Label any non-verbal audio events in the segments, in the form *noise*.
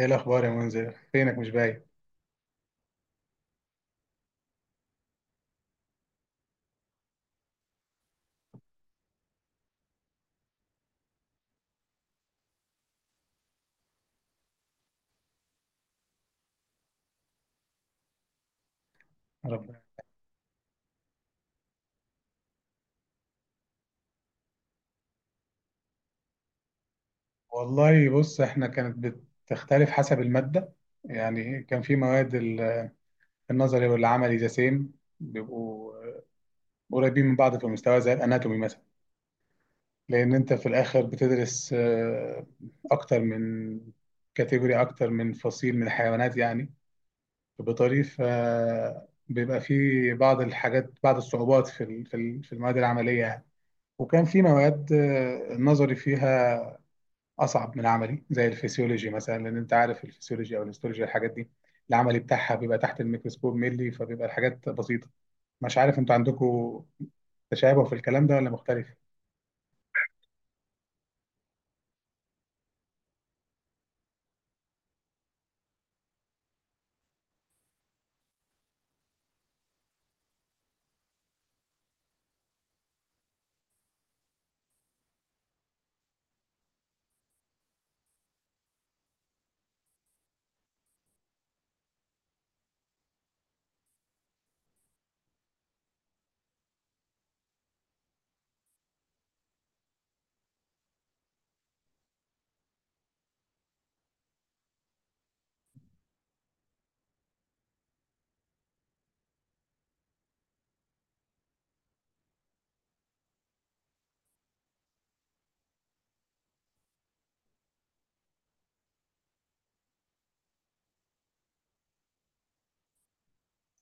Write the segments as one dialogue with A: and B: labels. A: ايه الاخبار يا منذر؟ فينك مش باين؟ يا رب. والله، بص، احنا كانت بتختلف حسب الماده. يعني كان في مواد النظري والعملي ذا سيم، بيبقوا قريبين من بعض في المستوى زي الاناتومي مثلا، لان انت في الاخر بتدرس اكتر من كاتيجوري، اكتر من فصيل من الحيوانات يعني، بطريقه بيبقى في بعض الحاجات، بعض الصعوبات في المواد العمليه يعني. وكان في مواد النظري فيها اصعب من عملي زي الفسيولوجي مثلا، لان انت عارف الفسيولوجي او الهيستولوجي، الحاجات دي العملي بتاعها بيبقى تحت الميكروسكوب ملي، فبيبقى الحاجات بسيطه. مش عارف انتوا عندكم تشابه في الكلام ده ولا مختلف؟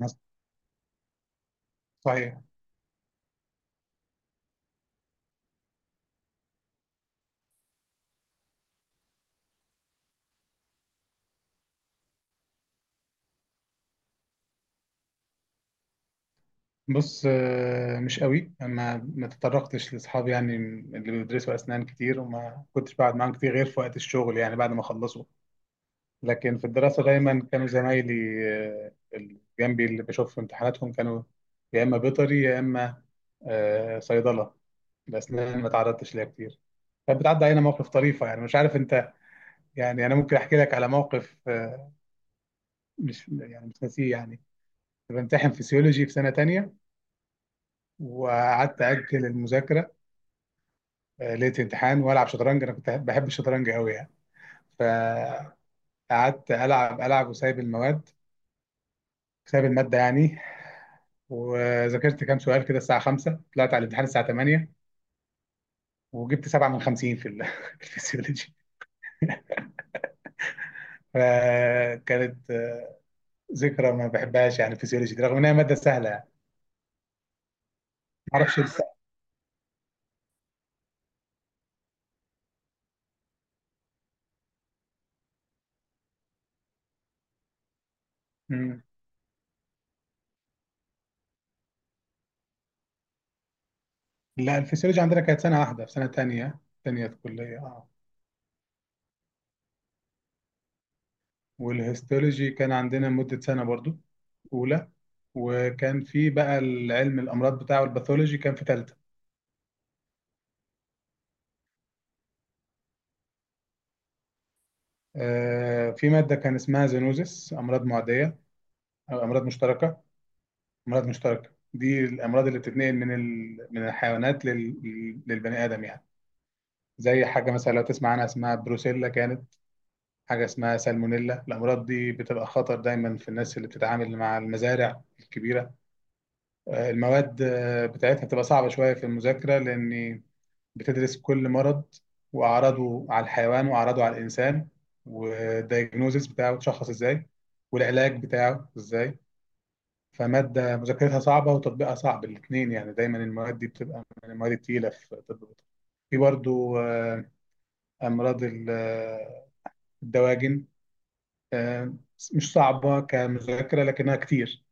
A: ناس- صحيح. بص، مش قوي، انا ما تطرقتش لاصحابي يعني اللي بيدرسوا اسنان كتير، وما كنتش بقعد معاهم كتير غير في وقت الشغل يعني بعد ما خلصوا. لكن في الدراسه دايما كانوا زمايلي، اللي جنبي، اللي بشوف في امتحاناتهم، كانوا يا اما بيطري يا اما صيدله. الأسنان ما تعرضتش ليها كتير. كانت بتعدي علينا مواقف طريفة، يعني مش عارف أنت. يعني أنا ممكن أحكي لك على موقف، مش يعني مش ناسيه يعني. كنت بمتحن فيسيولوجي في سنة تانية وقعدت أجل المذاكرة. ليلة امتحان وألعب شطرنج، أنا كنت بحب الشطرنج أوي يعني. فقعدت ألعب وسايب المواد، سايب المادة يعني، وذاكرت كام سؤال كده الساعة 5، طلعت على الامتحان الساعة 8، وجبت 7 من 50 *laughs* في الفسيولوجي. فكانت ذكرى ما بحبهاش يعني، فيسيولوجي دي رغم انها ماده سهله يعني، ما اعرفش لسه. مم. لا الفيسيولوجي عندنا كانت سنه واحده في سنه تانية، تانية كليه اه. والهيستولوجي كان عندنا مده سنه برضو، اولى. وكان في بقى العلم الامراض بتاعه الباثولوجي كان في ثالثه. في ماده كان اسمها زينوزس، امراض معديه او امراض مشتركه. امراض مشتركه دي الامراض اللي بتتنقل من الحيوانات للبني ادم يعني. زي حاجه مثلا لو تسمع عنها اسمها بروسيلا، كانت حاجة اسمها سالمونيلا. الأمراض دي بتبقى خطر دايما في الناس اللي بتتعامل مع المزارع الكبيرة. المواد بتاعتها بتبقى صعبة شوية في المذاكرة، لأن بتدرس كل مرض وأعراضه على الحيوان وأعراضه على الإنسان، والدايجنوزيس بتاعه تشخص إزاي، والعلاج بتاعه إزاي. فمادة مذاكرتها صعبة وتطبيقها صعب الاتنين يعني، دايما المواد دي بتبقى من المواد التقيلة في طب البيطري. في برضو أمراض الدواجن، آه، مش صعبة كمذاكرة لكنها كتير،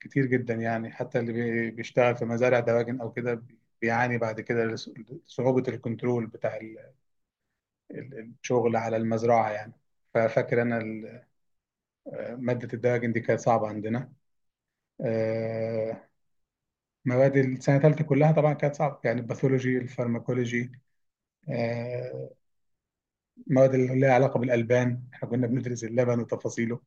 A: كتير جدا يعني. حتى اللي بيشتغل في مزارع دواجن أو كده بيعاني بعد كده، صعوبة الكنترول بتاع الشغل على المزرعة يعني. ففاكر أنا مادة الدواجن دي كانت صعبة عندنا. آه، مواد السنة الثالثة كلها طبعا كانت صعبة يعني، الباثولوجي، الفارماكولوجي، آه، مواد اللي لها علاقة بالألبان، احنا كنا بندرس اللبن وتفاصيله،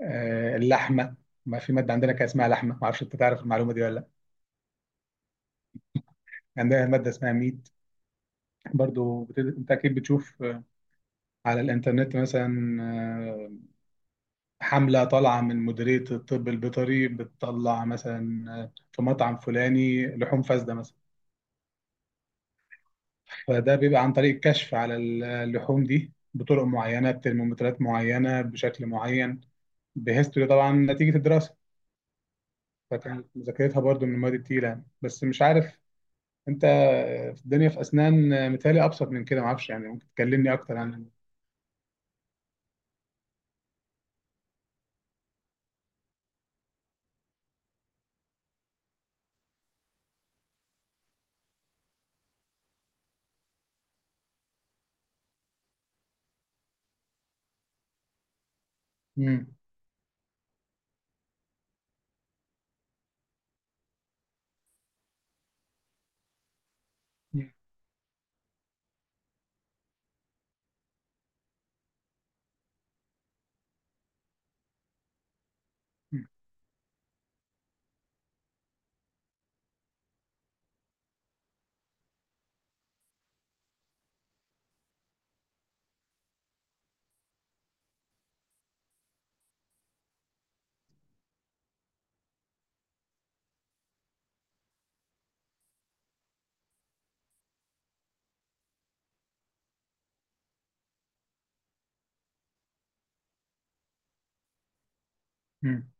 A: اللحمة. ما في مادة عندنا كان اسمها لحمة، ما أعرفش أنت تعرف المعلومة دي ولا لأ. عندها مادة اسمها ميت، برضو انت اكيد بتشوف على الانترنت مثلا، حملة طالعة من مديرية الطب البيطري بتطلع مثلا في مطعم فلاني لحوم فاسدة مثلا. فده بيبقى عن طريق الكشف على اللحوم دي بطرق معينة، بترمومترات معينة، بشكل معين، بهيستوري طبعا نتيجة الدراسة. فكانت مذاكرتها برضو من المواد التقيلة يعني. بس مش عارف انت، في الدنيا في أسنان متهيألي أبسط من كده، معرفش يعني، ممكن تكلمني أكتر عن. مم. مم.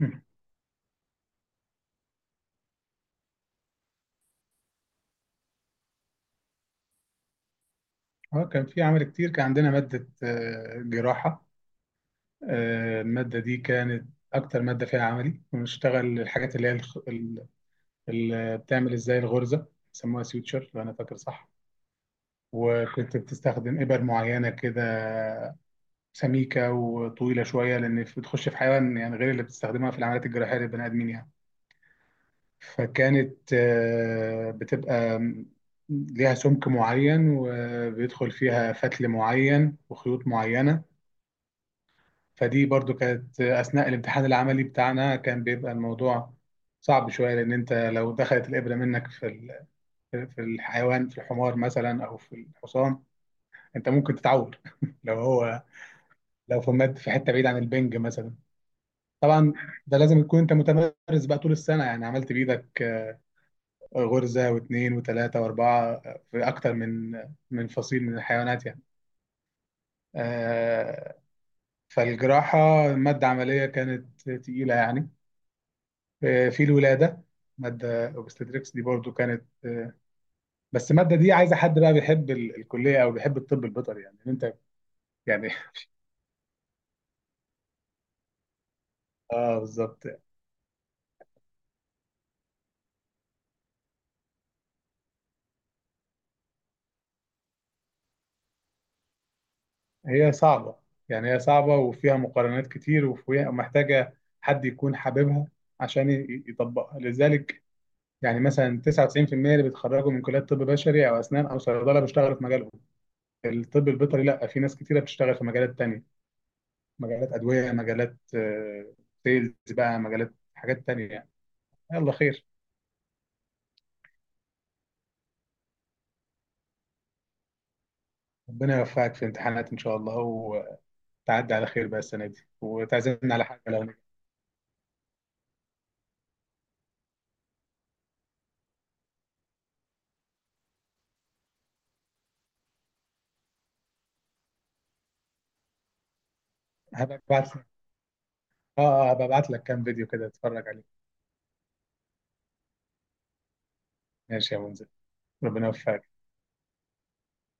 A: مم. اه كان في عمل كتير. كان عندنا مادة جراحة، المادة دي كانت أكتر مادة فيها عملي، ونشتغل الحاجات اللي هي بتعمل إزاي الغرزة، بيسموها سيوتشر لو أنا فاكر صح. وكنت بتستخدم إبر معينة كده، سميكة وطويلة شوية، لأن بتخش في حيوان يعني، غير اللي بتستخدمها في العمليات الجراحية للبني آدمين يعني. فكانت بتبقى ليها سمك معين، وبيدخل فيها فتل معين وخيوط معينة. فدي برضو كانت أثناء الامتحان العملي بتاعنا، كان بيبقى الموضوع صعب شوية، لأن أنت لو دخلت الإبرة منك في الحيوان، في الحمار مثلا أو في الحصان، أنت ممكن تتعور *laughs* لو هو لو في مد في حتة بعيد عن البنج مثلا. طبعا ده لازم تكون أنت متمرس بقى طول السنة، يعني عملت بإيدك غرزة واثنين وثلاثة وأربعة في أكتر من فصيل من الحيوانات يعني. آه، فالجراحة مادة عملية كانت تقيلة يعني. في الولادة مادة اوبستريكس دي برضو كانت بس المادة دي عايزة حد بقى بيحب الكلية أو بيحب الطب البيطري، يعني إن أنت يعني *laughs* آه بالظبط. هي صعبة يعني، هي صعبة وفيها مقارنات كتير، وفيها محتاجة حد يكون حاببها عشان يطبقها، لذلك يعني مثلا 99% اللي بيتخرجوا من كليات طب بشري أو أسنان أو صيدلة بيشتغلوا في مجالهم. الطب البيطري لا، في ناس كتيرة بتشتغل في مجالات تانية، مجالات أدوية، مجالات سيلز بقى، مجالات حاجات تانية يعني. يلا خير، ربنا يوفقك في امتحانات ان شاء الله، وتعدي على خير بقى السنه دي وتعزمنا على حاجه لو. هبقى ابعت لك اه، هبقى ابعت لك كام فيديو كده تتفرج عليه. ماشي يا منزل، ربنا يوفقك.